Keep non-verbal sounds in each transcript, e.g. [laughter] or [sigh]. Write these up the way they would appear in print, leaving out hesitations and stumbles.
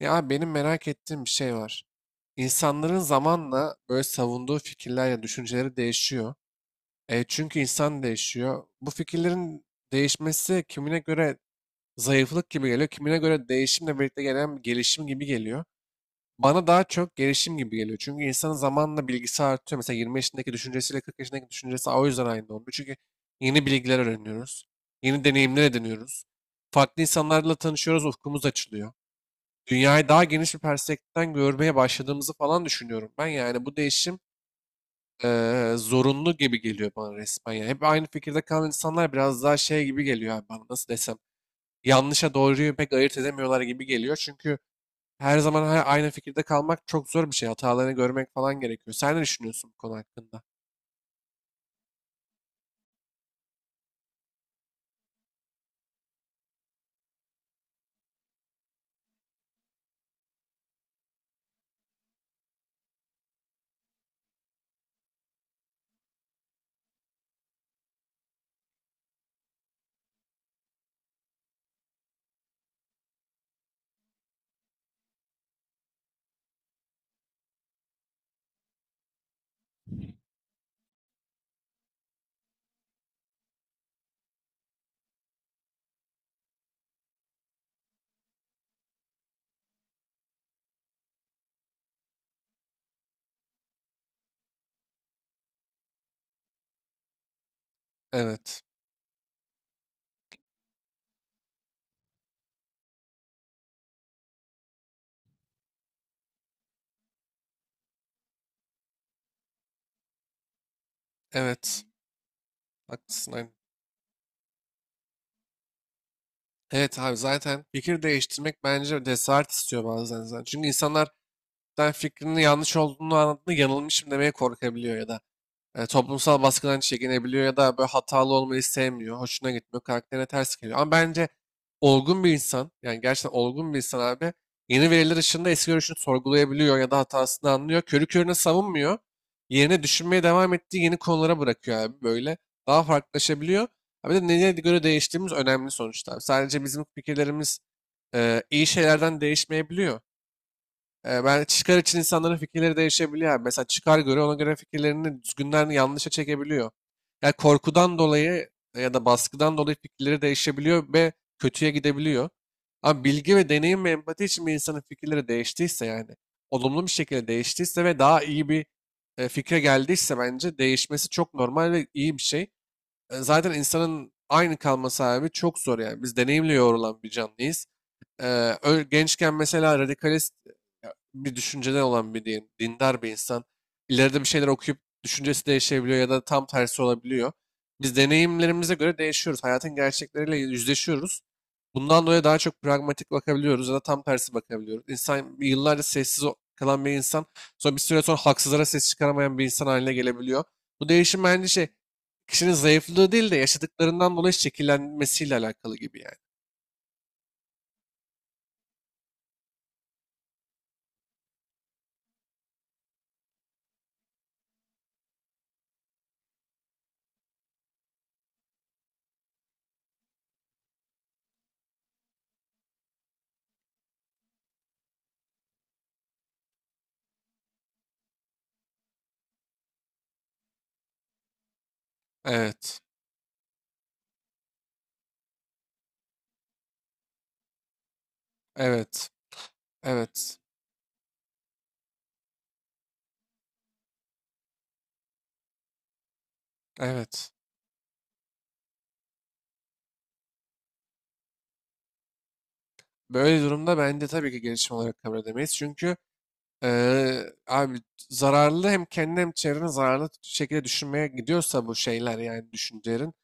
Ya benim merak ettiğim bir şey var. İnsanların zamanla böyle savunduğu fikirler ya düşünceleri değişiyor. E, çünkü insan değişiyor. Bu fikirlerin değişmesi kimine göre zayıflık gibi geliyor, kimine göre değişimle birlikte gelen bir gelişim gibi geliyor. Bana daha çok gelişim gibi geliyor. Çünkü insanın zamanla bilgisi artıyor. Mesela 20 yaşındaki düşüncesiyle 40 yaşındaki düşüncesi o yüzden aynı olmuyor. Çünkü yeni bilgiler öğreniyoruz. Yeni deneyimler ediniyoruz. Farklı insanlarla tanışıyoruz, ufkumuz açılıyor, dünyayı daha geniş bir perspektiften görmeye başladığımızı falan düşünüyorum ben. Yani bu değişim zorunlu gibi geliyor bana resmen. Yani hep aynı fikirde kalan insanlar biraz daha şey gibi geliyor abi bana, nasıl desem. Yanlışa doğruyu pek ayırt edemiyorlar gibi geliyor. Çünkü her zaman aynı fikirde kalmak çok zor bir şey. Hatalarını görmek falan gerekiyor. Sen ne düşünüyorsun bu konu hakkında? Evet. Evet. Haklısın. Aynen. Evet abi, zaten fikir değiştirmek bence cesaret istiyor bazen zaten. Çünkü insanlar, sen fikrinin yanlış olduğunu anladığında yanılmışım demeye korkabiliyor ya da toplumsal baskıdan çekinebiliyor ya da böyle hatalı olmayı sevmiyor, hoşuna gitmiyor, karakterine ters geliyor. Ama bence olgun bir insan, yani gerçekten olgun bir insan abi, yeni veriler ışığında eski görüşünü sorgulayabiliyor ya da hatasını anlıyor. Körü körüne savunmuyor. Yerine düşünmeye devam ettiği yeni konulara bırakıyor abi böyle. Daha farklılaşabiliyor. Abi de neye göre değiştiğimiz önemli sonuçta abi. Sadece bizim fikirlerimiz iyi şeylerden değişmeyebiliyor. Ben, çıkar için insanların fikirleri değişebiliyor abi. Mesela çıkar göre, ona göre fikirlerini düzgünden yanlışa çekebiliyor. Yani korkudan dolayı ya da baskıdan dolayı fikirleri değişebiliyor ve kötüye gidebiliyor. Ama bilgi ve deneyim ve empati için bir insanın fikirleri değiştiyse, yani olumlu bir şekilde değiştiyse ve daha iyi bir fikre geldiyse, bence değişmesi çok normal ve iyi bir şey. E, zaten insanın aynı kalması abi çok zor yani. Biz deneyimle yoğrulan bir canlıyız. Gençken mesela radikalist ya, bir düşünceden olan bir dindar bir insan ileride bir şeyler okuyup düşüncesi değişebiliyor ya da tam tersi olabiliyor. Biz deneyimlerimize göre değişiyoruz. Hayatın gerçekleriyle yüzleşiyoruz. Bundan dolayı daha çok pragmatik bakabiliyoruz ya da tam tersi bakabiliyoruz. İnsan, yıllarca sessiz kalan bir insan sonra bir süre sonra haksızlara ses çıkaramayan bir insan haline gelebiliyor. Bu değişim bence şey, kişinin zayıflığı değil de yaşadıklarından dolayı şekillenmesiyle alakalı gibi yani. Evet, evet, evet, evet. Böyle durumda bence tabii ki gelişim olarak kabul edemeyiz. Çünkü abi, zararlı, hem kendine hem çevrene zararlı şekilde düşünmeye gidiyorsa bu şeyler, yani düşüncelerin.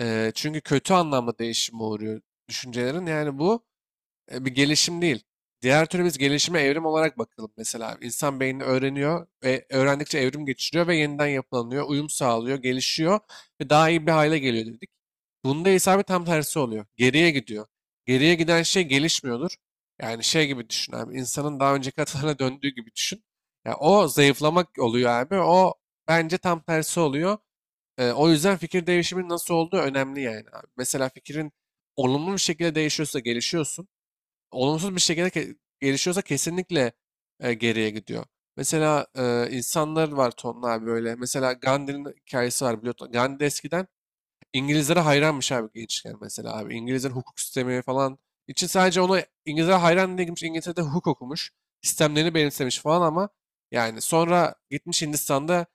Çünkü kötü anlamda değişime uğruyor düşüncelerin. Yani bu bir gelişim değil. Diğer türlü biz gelişime evrim olarak bakalım mesela. İnsan beyni öğreniyor ve öğrendikçe evrim geçiriyor ve yeniden yapılanıyor, uyum sağlıyor, gelişiyor ve daha iyi bir hale geliyor dedik. Bunda ise abi tam tersi oluyor. Geriye gidiyor. Geriye giden şey gelişmiyordur. Yani şey gibi düşün abi, insanın daha önceki hatalarına [laughs] döndüğü gibi düşün. Ya o zayıflamak oluyor abi. O bence tam tersi oluyor. E, o yüzden fikir değişiminin nasıl olduğu önemli yani abi. Mesela fikrin olumlu bir şekilde değişiyorsa gelişiyorsun, olumsuz bir şekilde gelişiyorsa kesinlikle geriye gidiyor. Mesela e, insanlar var tonla abi böyle. Mesela Gandhi'nin hikayesi var, biliyorsun. Gandhi eskiden İngilizlere hayranmış abi, gençken mesela abi. İngilizlerin hukuk sistemi falan için, sadece ona, İngilizlere hayran diye gitmiş, İngiltere'de hukuk okumuş. Sistemlerini benimsemiş falan ama yani sonra gitmiş Hindistan'da,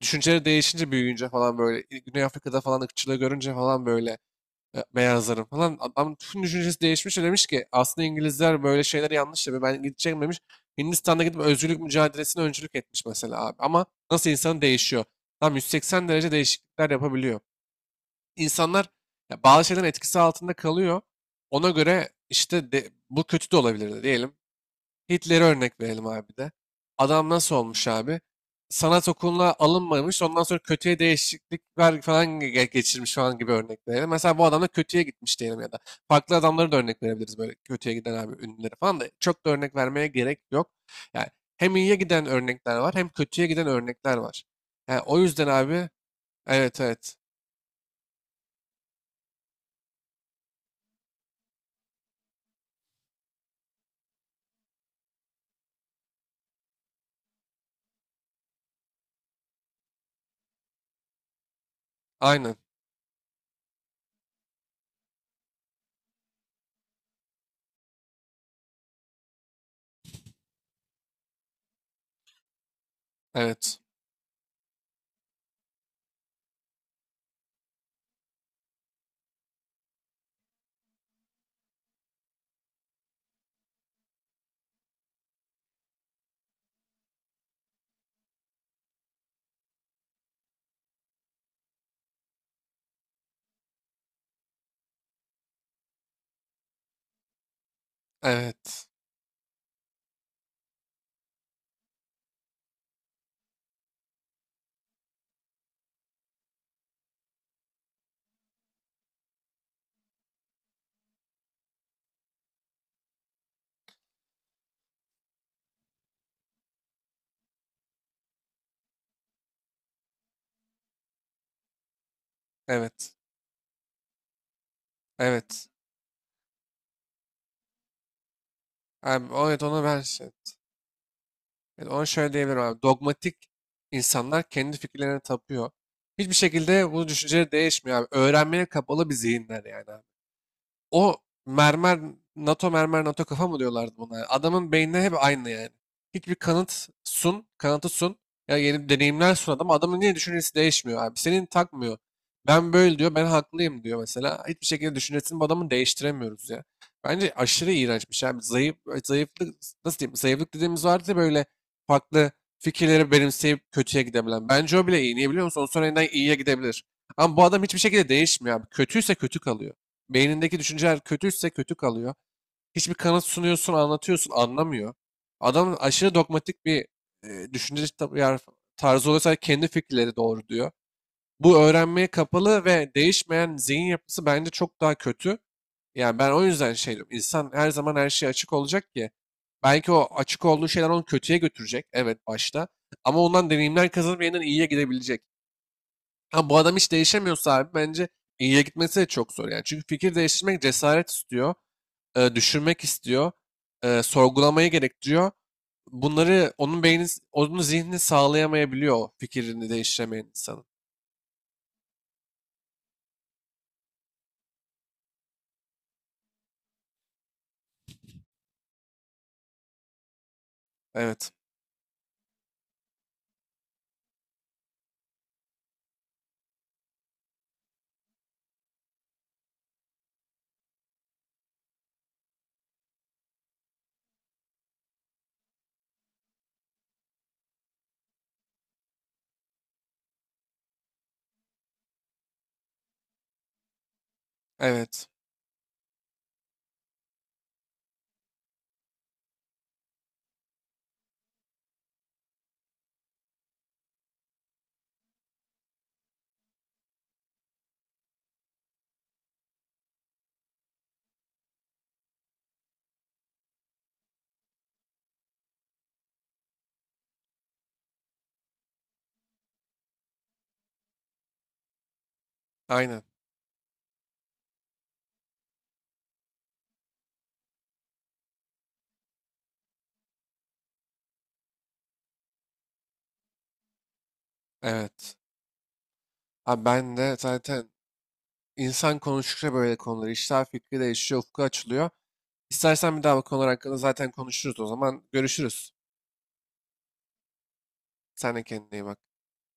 düşünceleri değişince, büyüyünce falan böyle, Güney Afrika'da falan ırkçılığı görünce falan böyle beyazların falan. Adam, tüm düşüncesi değişmiş ve demiş ki aslında İngilizler böyle şeyler yanlış yapıyor. Ben gideceğim demiş. Hindistan'da gidip özgürlük mücadelesine öncülük etmiş mesela abi. Ama nasıl insan değişiyor? Tam 180 derece değişiklikler yapabiliyor. İnsanlar ya, bazı şeylerin etkisi altında kalıyor. Ona göre işte bu kötü de olabilir diyelim. Hitler'e örnek verelim abi de. Adam nasıl olmuş abi? Sanat okuluna alınmamış, ondan sonra kötüye değişiklikler falan geçirmiş falan gibi örnek verelim. Mesela bu adam da kötüye gitmiş diyelim ya da. Farklı adamları da örnek verebiliriz böyle kötüye giden abi, ünlüleri falan da. Çok da örnek vermeye gerek yok. Yani hem iyiye giden örnekler var, hem kötüye giden örnekler var. Yani o yüzden abi, evet, evet, aynen, evet, evet, evet, evet abi, evet ona ben şey. Evet, ona şöyle diyebilirim abi. Dogmatik insanlar kendi fikirlerine tapıyor. Hiçbir şekilde bu düşünceleri değişmiyor abi. Öğrenmeye kapalı bir zihinler yani abi. O mermer, NATO mermer, NATO kafa mı diyorlardı buna? Adamın beynine hep aynı yani. Hiçbir kanıt sun, kanıtı sun. Ya, yeni deneyimler sun adam. Adamın niye düşüncesi değişmiyor abi? Senin takmıyor. Ben böyle diyor, ben haklıyım diyor mesela. Hiçbir şekilde düşüncesini bu adamın değiştiremiyoruz ya. Bence aşırı iğrenç bir şey abi. Zayıf, zayıflık, nasıl diyeyim? Zayıflık dediğimiz vardı ya, böyle farklı fikirleri benimseyip kötüye gidebilen. Bence o bile iyi. Niye biliyor musun? O sonra yeniden iyiye gidebilir. Ama bu adam hiçbir şekilde değişmiyor abi. Kötüyse kötü kalıyor. Beynindeki düşünceler kötüyse kötü kalıyor. Hiçbir kanıt sunuyorsun, anlatıyorsun, anlamıyor. Adam aşırı dogmatik bir e, düşünce tar- tarzı oluyorsa, kendi fikirleri doğru diyor. Bu öğrenmeye kapalı ve değişmeyen zihin yapısı bence çok daha kötü. Yani ben o yüzden şey diyorum. İnsan her zaman her şeye açık olacak ki. Belki o açık olduğu şeyler onu kötüye götürecek. Evet, başta. Ama ondan deneyimler kazanıp yeniden iyiye gidebilecek. Ha, bu adam hiç değişemiyorsa abi, bence iyiye gitmesi de çok zor yani. Çünkü fikir değiştirmek cesaret istiyor, düşünmek istiyor, sorgulamayı gerektiriyor. Bunları onun beyni, onun zihni sağlayamayabiliyor, o fikrini değiştiremeyen insanın. Evet, evet, aynen, evet. Abi ben de zaten, insan konuştukça böyle konuları, işler, fikri değişiyor, ufku açılıyor. İstersen bir daha bu konular hakkında zaten konuşuruz o zaman. Görüşürüz. Sen de kendine iyi bak.